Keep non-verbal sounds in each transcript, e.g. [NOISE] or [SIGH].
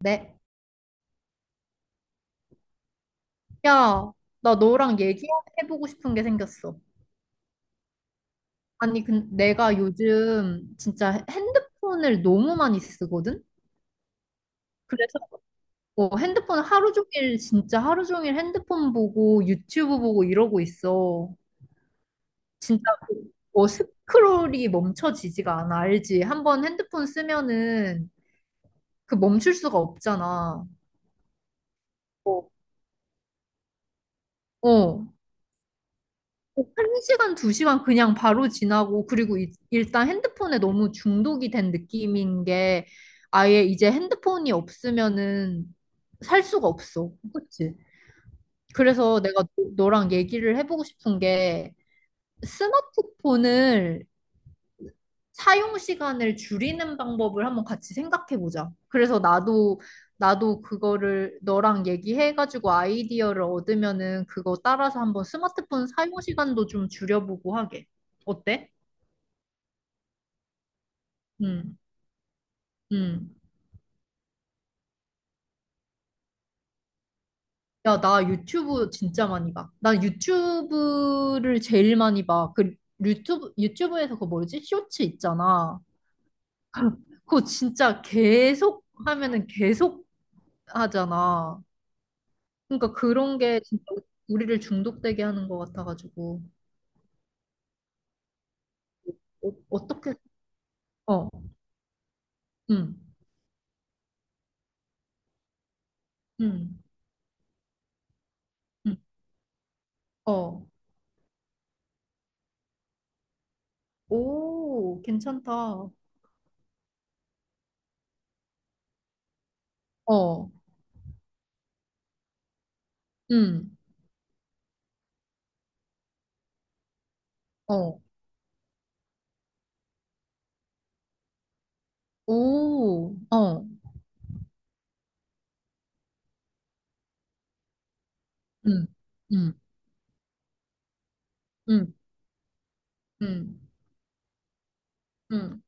네. 야, 나 너랑 얘기해보고 싶은 게 생겼어. 아니, 근 내가 요즘 진짜 핸드폰을 너무 많이 쓰거든? 그래서 핸드폰을 하루 종일, 진짜 하루 종일 핸드폰 보고 유튜브 보고 이러고 있어. 진짜 그, 스크롤이 멈춰지지가 않아. 알지? 한 번 핸드폰 쓰면은 그 멈출 수가 없잖아. 어. 어. 한 시간, 두 시간 그냥 바로 지나고, 그리고 일단 핸드폰에 너무 중독이 된 느낌인 게, 아예 이제 핸드폰이 없으면은 살 수가 없어. 그치? 그래서 내가 너- 너랑 얘기를 해보고 싶은 게, 스마트폰을 사용 시간을 줄이는 방법을 한번 같이 생각해 보자. 그래서 나도 그거를 너랑 얘기해가지고 아이디어를 얻으면은 그거 따라서 한번 스마트폰 사용 시간도 좀 줄여보고 하게. 어때? 음, 음. 야, 나 유튜브 진짜 많이 봐. 난 유튜브를 제일 많이 봐. 그 유튜브 유튜브에서 그거 뭐지? 쇼츠 있잖아. 그거 진짜 계속 하면은 계속 하잖아. 그러니까 그런 게 진짜 우리를 중독되게 하는 것 같아가지고 어, 어떻게. 어, 음, 음, 음, 어, 오, 괜찮다. 어, 음, 어, 오, 어, 음, 음, 음, 음, 음.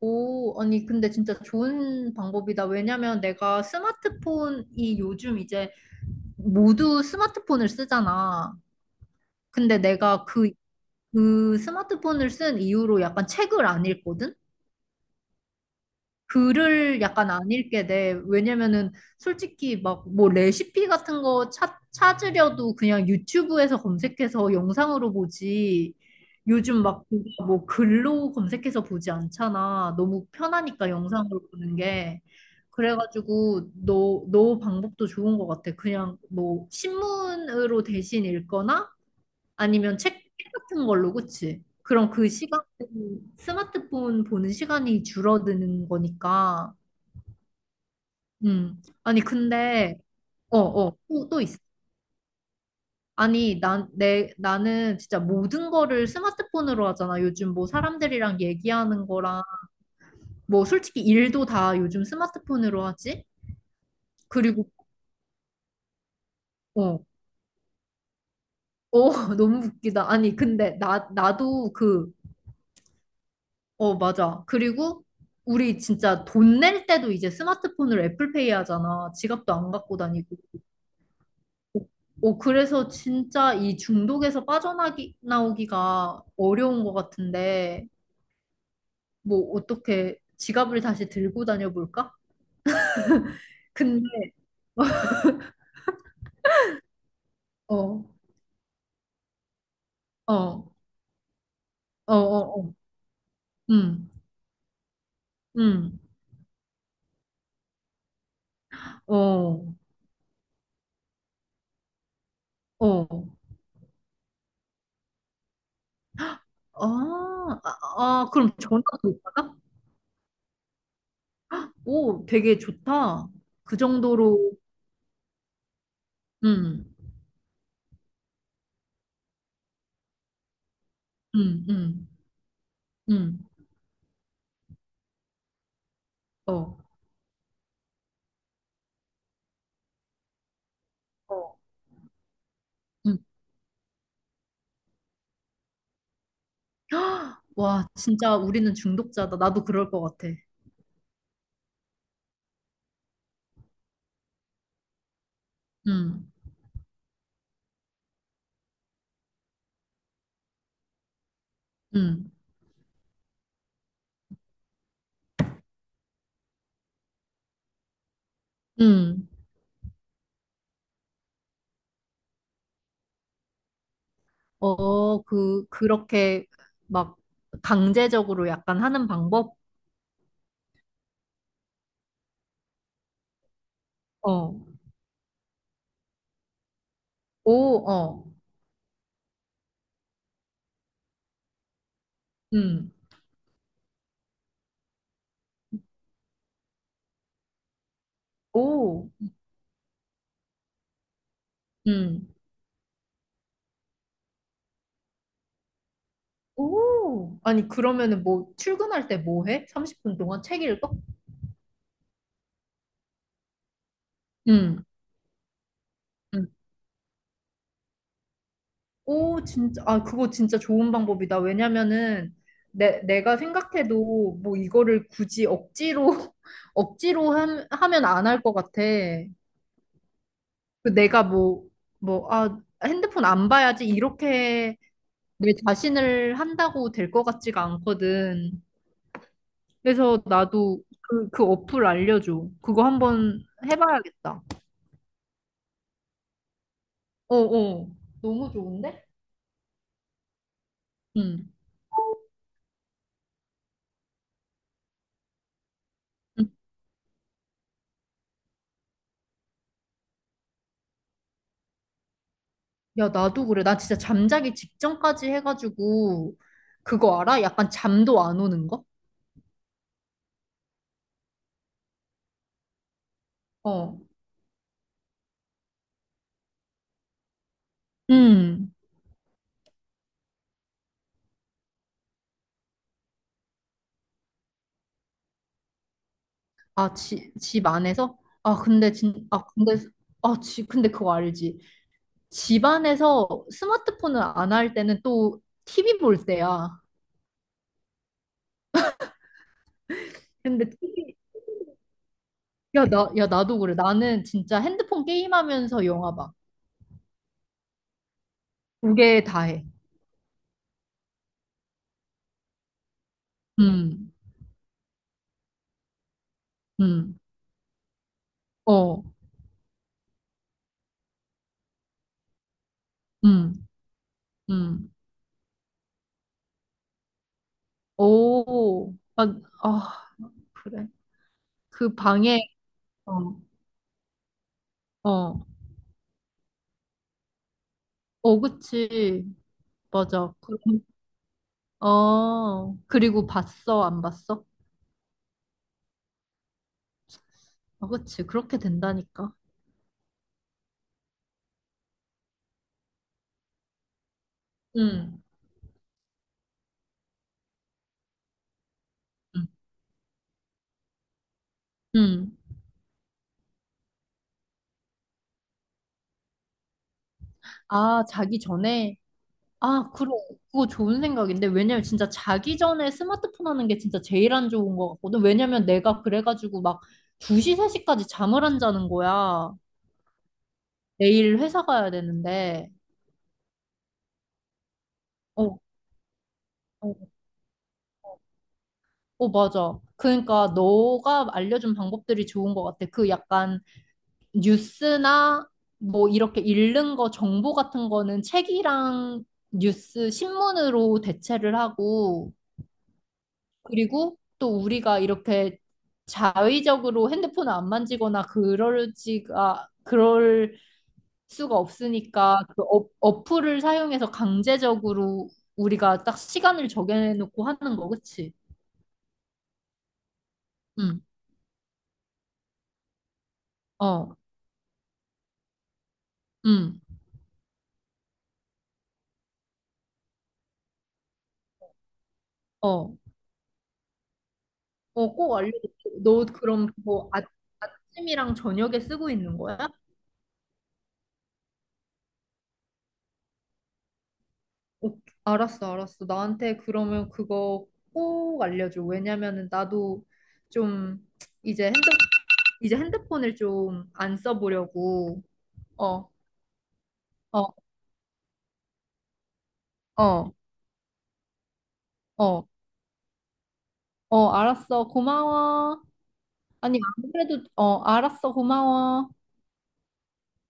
오, 아니 근데 진짜 좋은 방법이다. 왜냐면 내가 스마트폰이 요즘 이제 모두 스마트폰을 쓰잖아. 근데 내가 그 스마트폰을 쓴 이후로 약간 책을 안 읽거든? 글을 약간 안 읽게 돼. 왜냐면은 솔직히 막 뭐 레시피 같은 거 찾으려도 그냥 유튜브에서 검색해서 영상으로 보지. 요즘 막 뭐 글로 검색해서 보지 않잖아. 너무 편하니까 영상으로 보는 게. 그래가지고 너 방법도 좋은 것 같아. 그냥 뭐 신문으로 대신 읽거나 아니면 책 같은 걸로, 그치? 그럼 그 시간, 스마트폰 보는 시간이 줄어드는 거니까. 음. 아니, 근데, 어, 또 있어. 아니, 나는 진짜 모든 거를 스마트폰으로 하잖아. 요즘 뭐 사람들이랑 얘기하는 거랑, 뭐 솔직히 일도 다 요즘 스마트폰으로 하지? 그리고, 어, 어, [LAUGHS] 너무 웃기다. 아니, 근데 나도 그 어, 맞아. 그리고 우리 진짜 돈낼 때도 이제 스마트폰으로 애플페이 하잖아. 지갑도 안 갖고 다니고. 어, 그래서 진짜 이 중독에서 나오기가 어려운 것 같은데, 뭐, 어떻게 지갑을 다시 들고 다녀볼까? 근데, 어, 어, 어, 어, 어, 음, 음, 어, 어. 아, 아, 아, 그럼 전화도 못 받아? 오, 되게 좋다. 그 정도로, 음, 음, 음. 응, 어, 어. 응. 와, 진짜 우리는 중독자다. 나도 그럴 것 같아. 응, 응, 응. 어, 그렇게 막 강제적으로 약간 하는 방법? 어, 오, 어, 응, 오, 응, 오. 아니, 그러면은 뭐, 출근할 때 뭐 해? 30분 동안 책 읽어? 응, 오, 진짜, 아, 그거 진짜 좋은 방법이다. 왜냐면은, 내가 생각해도, 뭐, 이거를 굳이 억지로, [LAUGHS] 억지로 하면 안 할 것 같아. 그 내가 뭐, 뭐, 아, 핸드폰 안 봐야지, 이렇게 내 자신을 한다고 될 것 같지가 않거든. 그래서 나도 그 어플 알려줘. 그거 한번 해봐야겠다. 어어, 너무 좋은데? 응. 야, 나도 그래. 나 진짜 잠자기 직전까지 해가지고, 그거 알아? 약간 잠도 안 오는 거? 어. 음. 아, 집 안에서? 아, 근데 진, 아, 근데, 아, 지, 근데 그거 알지? 집 안에서 스마트폰을 안 할 때는 또 TV 볼 때야. 근데 TV, 야, 야, 나도 그래. 나는 진짜 핸드폰 게임하면서 영화 봐. 두 개 다 해. 음, 음, 어, 음, 음. 오, 아, 아. 그래. 그 방에 어, 어, 어, 그치. 맞아. 그럼, 어, 그리고 봤어, 안 봤어? 어, 그치. 그렇게 된다니까. 응, 응, 응. 아, 자기 전에? 아, 그래. 그거 좋은 생각인데. 왜냐면 진짜 자기 전에 스마트폰 하는 게 진짜 제일 안 좋은 것 같거든. 왜냐면 내가 그래가지고 막 2시, 3시까지 잠을 안 자는 거야. 내일 회사 가야 되는데. 어, 어. 어, 맞아. 그러니까 너가 알려준 방법들이 좋은 것 같아. 그 약간 뉴스나 뭐 이렇게 읽는 거 정보 같은 거는 책이랑 뉴스, 신문으로 대체를 하고, 그리고 또 우리가 이렇게 자의적으로 핸드폰을 안 만지거나 그럴 수가 없으니까 그 어, 어플을 사용해서 강제적으로 우리가 딱 시간을 정해놓고 하는 거, 그치? 응, 어, 응, 어. 어, 꼭 알려줘. 너 그럼 뭐 아, 아침이랑 저녁에 쓰고 있는 거야? 어, 알았어, 알았어. 나한테 그러면 그거 꼭 알려줘. 왜냐면은 나도 좀 이제 핸드 이제 핸드폰을 좀 안 써보려고. 어, 어, 어, 어, 어, 알았어. 고마워. 아니, 안 그래도 어, 알았어. 고마워.